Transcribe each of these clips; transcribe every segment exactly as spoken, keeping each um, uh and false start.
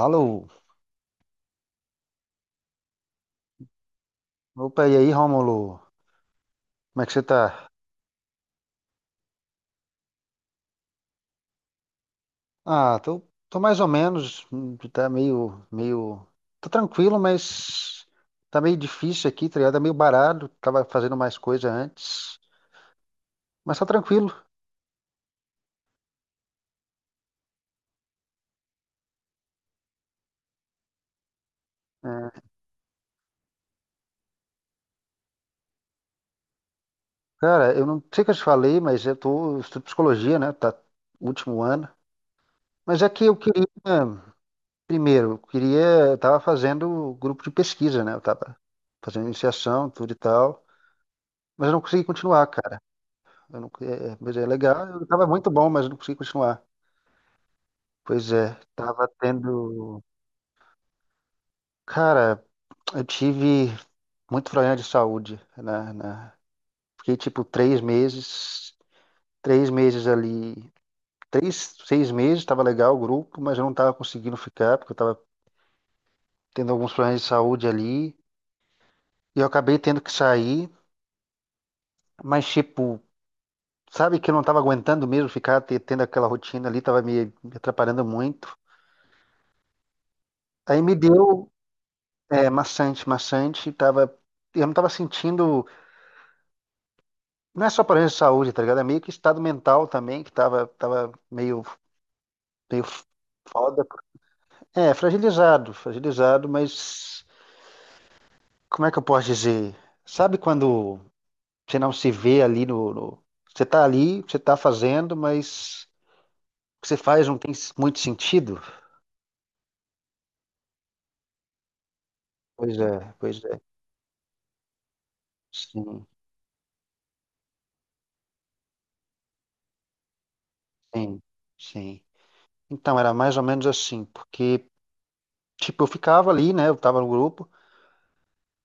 Alô? Opa, e aí, Rômulo? Como é que você tá? Ah, tô, tô mais ou menos, hum, tá meio, meio... Tô tranquilo, mas tá meio difícil aqui, tá ligado? Tá meio baralho, tava fazendo mais coisa antes, mas tá tranquilo. É, Cara, eu não sei o que eu te falei, mas eu tô eu estudo psicologia, né? Tá último ano. Mas é que eu queria, primeiro, eu queria, eu tava fazendo grupo de pesquisa, né? Eu tava fazendo iniciação, tudo e tal, mas eu não consegui continuar. Eu não, é, Pois é, legal, eu tava muito bom, mas eu não consegui continuar. Pois é, tava tendo. Cara, eu tive muito problema de saúde, né? né? Fiquei tipo três meses, três meses ali, três, seis meses, tava legal o grupo, mas eu não tava conseguindo ficar, porque eu tava tendo alguns problemas de saúde ali. E eu acabei tendo que sair, mas tipo, sabe que eu não tava aguentando mesmo ficar te- tendo aquela rotina ali, tava me me atrapalhando muito. Aí me deu. É maçante, maçante. Tava, eu não tava sentindo. Não é só problema de saúde, tá ligado? É meio que estado mental também, que tava, tava meio, meio foda. É, fragilizado, fragilizado, mas como é que eu posso dizer? Sabe quando você não se vê ali no, no- você tá ali, você tá fazendo, mas o que você faz não tem muito sentido? Pois é, pois é. Sim, sim, sim. Então, era mais ou menos assim, porque, tipo, eu ficava ali, né? Eu tava no grupo.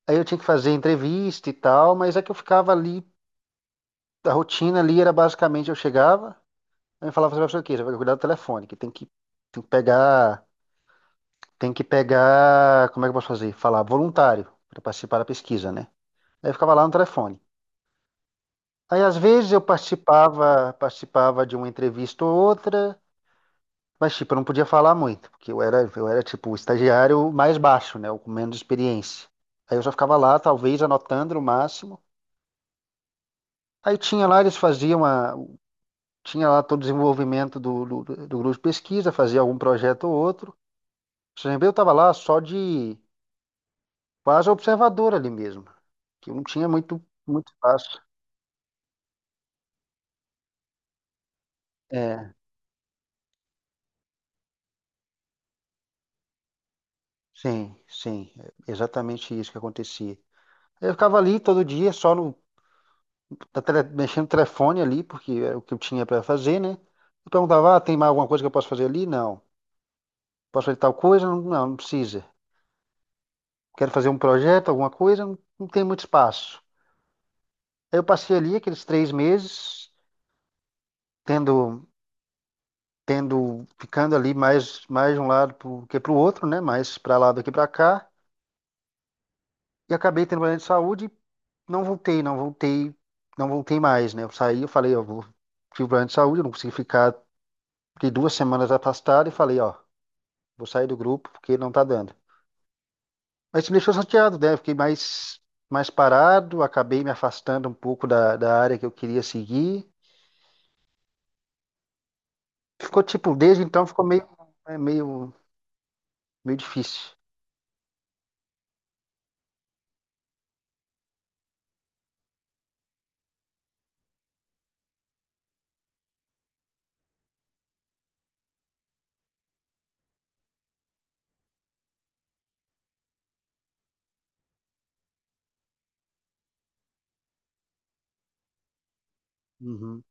Aí eu tinha que fazer entrevista e tal, mas é que eu ficava ali, a rotina ali era basicamente eu chegava, aí eu falava, você vai fazer o quê? Você vai cuidar do telefone, que tem que, tem que pegar, tem que pegar, como é que eu posso fazer? Falar voluntário para participar da pesquisa, né? Aí eu ficava lá no telefone. Aí às vezes eu participava, participava de uma entrevista ou outra, mas tipo, eu não podia falar muito, porque eu era, eu era tipo o estagiário mais baixo, né? O com menos experiência. Aí eu só ficava lá, talvez anotando no máximo. Aí tinha lá, eles faziam uma, tinha lá todo o desenvolvimento do, do, do grupo de pesquisa, fazia algum projeto ou outro. O C N B eu estava lá só de quase observador ali mesmo, que eu não tinha muito, muito espaço. É, sim, sim, é exatamente isso que acontecia. Eu ficava ali todo dia, só no, na tele- mexendo no telefone ali, porque era o que eu tinha para fazer, né? Eu perguntava, ah, tem mais alguma coisa que eu posso fazer ali? Não. Posso fazer tal coisa? Não, não, não precisa. Quero fazer um projeto, alguma coisa? Não, não tem muito espaço. Aí eu passei ali aqueles três meses, tendo, tendo, ficando ali mais, mais de um lado pro, que para o outro, né? Mais para lá do que para cá. E acabei tendo problema de saúde e não voltei, não voltei, não voltei mais, né? Eu saí, eu falei, ó, vou, tive um problema de saúde, eu não consegui ficar, fiquei duas semanas afastado e falei, ó, vou sair do grupo porque não tá dando. Mas isso me deixou chateado, né? Eu fiquei mais, mais parado, acabei me afastando um pouco da, da área que eu queria seguir. Ficou tipo, desde então ficou meio, é, meio, meio difícil. Uhum.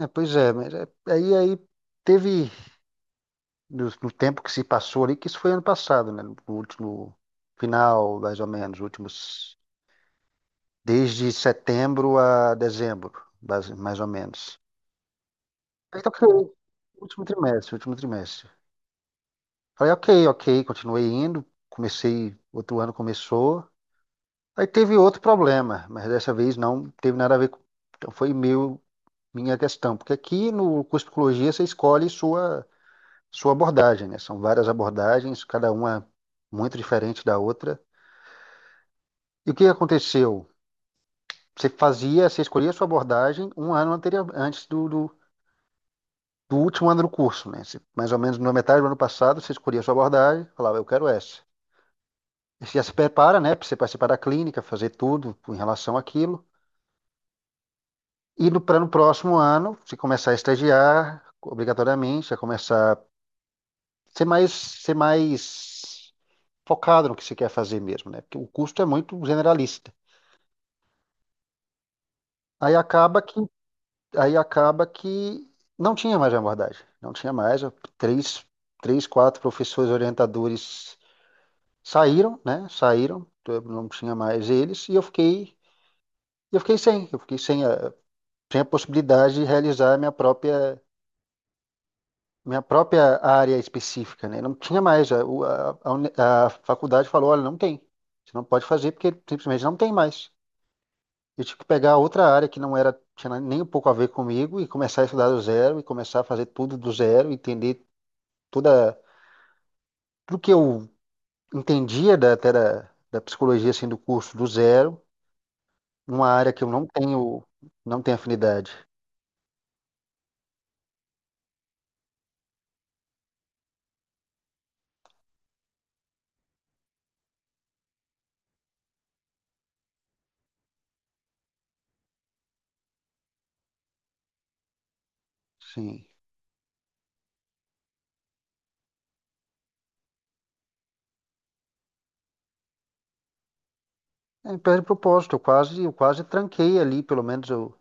É, pois é, mas é- aí, aí teve, no, no tempo que se passou ali, que isso foi ano passado, né? No último final, mais ou menos, últimos, desde setembro a dezembro, base- mais ou menos. Aí tá ok, último trimestre, último trimestre. Falei, ok, ok, continuei indo, comecei, outro ano começou. Aí teve outro problema, mas dessa vez não teve nada a ver com, então foi meu, minha questão, porque aqui no curso de psicologia você escolhe sua sua abordagem, né? São várias abordagens, cada uma muito diferente da outra. E o que aconteceu? Você fazia, você escolhia a sua abordagem um ano anterior, antes do, do, do último ano do curso, né? Você, mais ou menos na metade do ano passado, você escolhia a sua abordagem, falava, eu quero essa. E você já se prepara, né, para você participar da clínica, fazer tudo em relação àquilo. E no, pra, no próximo ano, você começar a estagiar, obrigatoriamente, você começar a ser mais, ser mais focado no que você quer fazer mesmo, né? Porque o curso é muito generalista. Aí acaba que, aí acaba que não tinha mais abordagem, não tinha mais. Três, três, quatro professores orientadores saíram, né? Saíram, eu não tinha mais eles e eu fiquei, eu fiquei sem, eu fiquei sem a, sem a possibilidade de realizar a minha própria, minha própria área específica, né? Não tinha mais. A, o- a, a uni- a faculdade falou, olha, não tem. Você não pode fazer porque simplesmente não tem mais. Eu tive que pegar outra área que não era, tinha nem um pouco a ver comigo e começar a estudar do zero e começar a fazer tudo do zero, entender toda, tudo que eu entendia da, até da, da psicologia, assim, do curso do zero, numa área que eu não tenho, não tenho afinidade. Sim. É, perde propósito, eu quase, eu quase tranquei ali, pelo menos eu,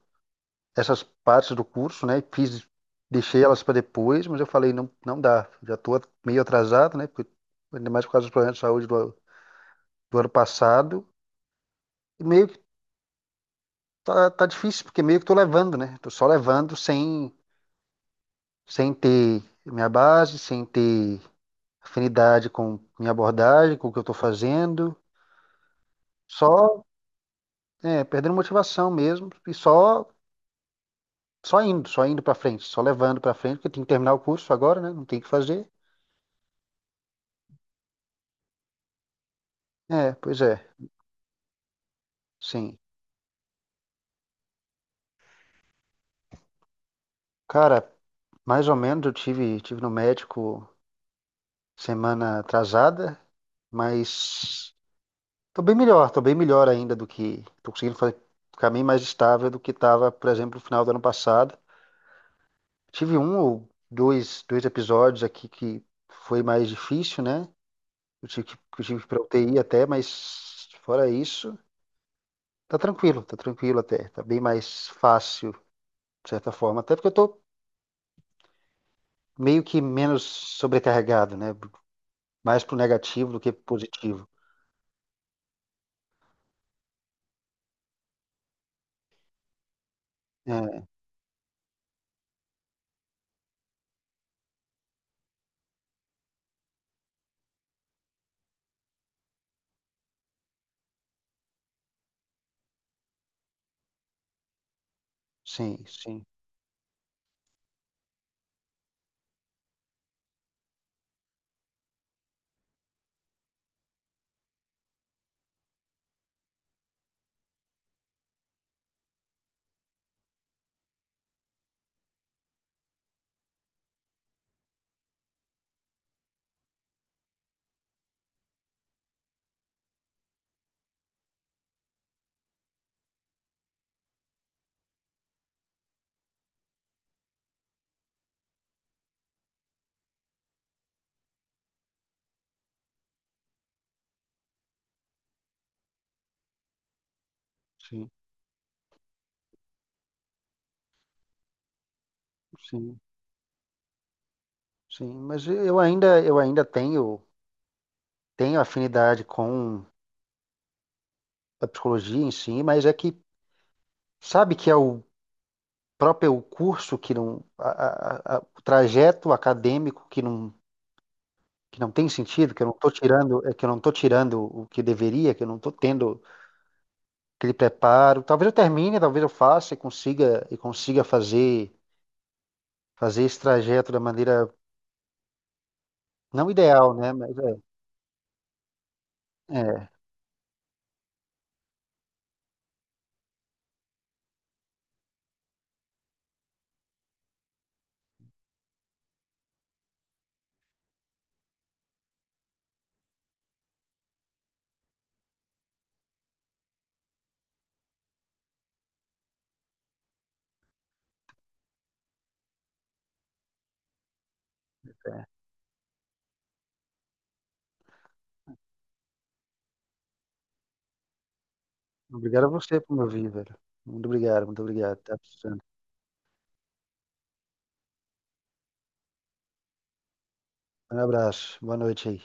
essas partes do curso, né? Fiz, deixei elas para depois, mas eu falei, não, não dá, já estou meio atrasado, né? Porque, ainda mais por causa dos problemas de saúde do, do ano passado. E meio que tá, tá difícil, porque meio que tô levando, né? Tô só levando sem, sem ter minha base, sem ter afinidade com minha abordagem, com o que eu tô fazendo. Só, é, perdendo motivação mesmo e só, só indo, só indo pra frente, só levando pra frente, porque tem que terminar o curso agora, né? Não tem o que fazer. É, pois é, sim. Cara, mais ou menos eu tive, tive no médico semana atrasada, mas tô bem melhor, tô bem melhor ainda do que. Tô conseguindo fazer, ficar bem mais estável do que estava, por exemplo, no final do ano passado. Tive um ou dois, dois episódios aqui que foi mais difícil, né? Eu tive que, que eu tive que ir pra U T I até, mas fora isso, tá tranquilo, tá tranquilo até. Tá bem mais fácil, de certa forma. Até porque eu tô meio que menos sobrecarregado, né? Mais pro negativo do que positivo. É, sim, sim, sim, sim, sim. Mas eu ainda, eu ainda tenho. Tenho afinidade com a psicologia em si, mas é que sabe que é o próprio curso que não, a- a- a- o trajeto acadêmico que não, que não tem sentido, que eu não estou tirando, é que eu não estou tirando o que deveria, que eu não estou tendo aquele preparo. Talvez eu termine, talvez eu faça e consiga e consiga fazer fazer esse trajeto da maneira não ideal, né? Mas é, é. Obrigado a você por me ouvir, velho. Muito obrigado, muito obrigado. Tá precisando. Um abraço, boa noite aí.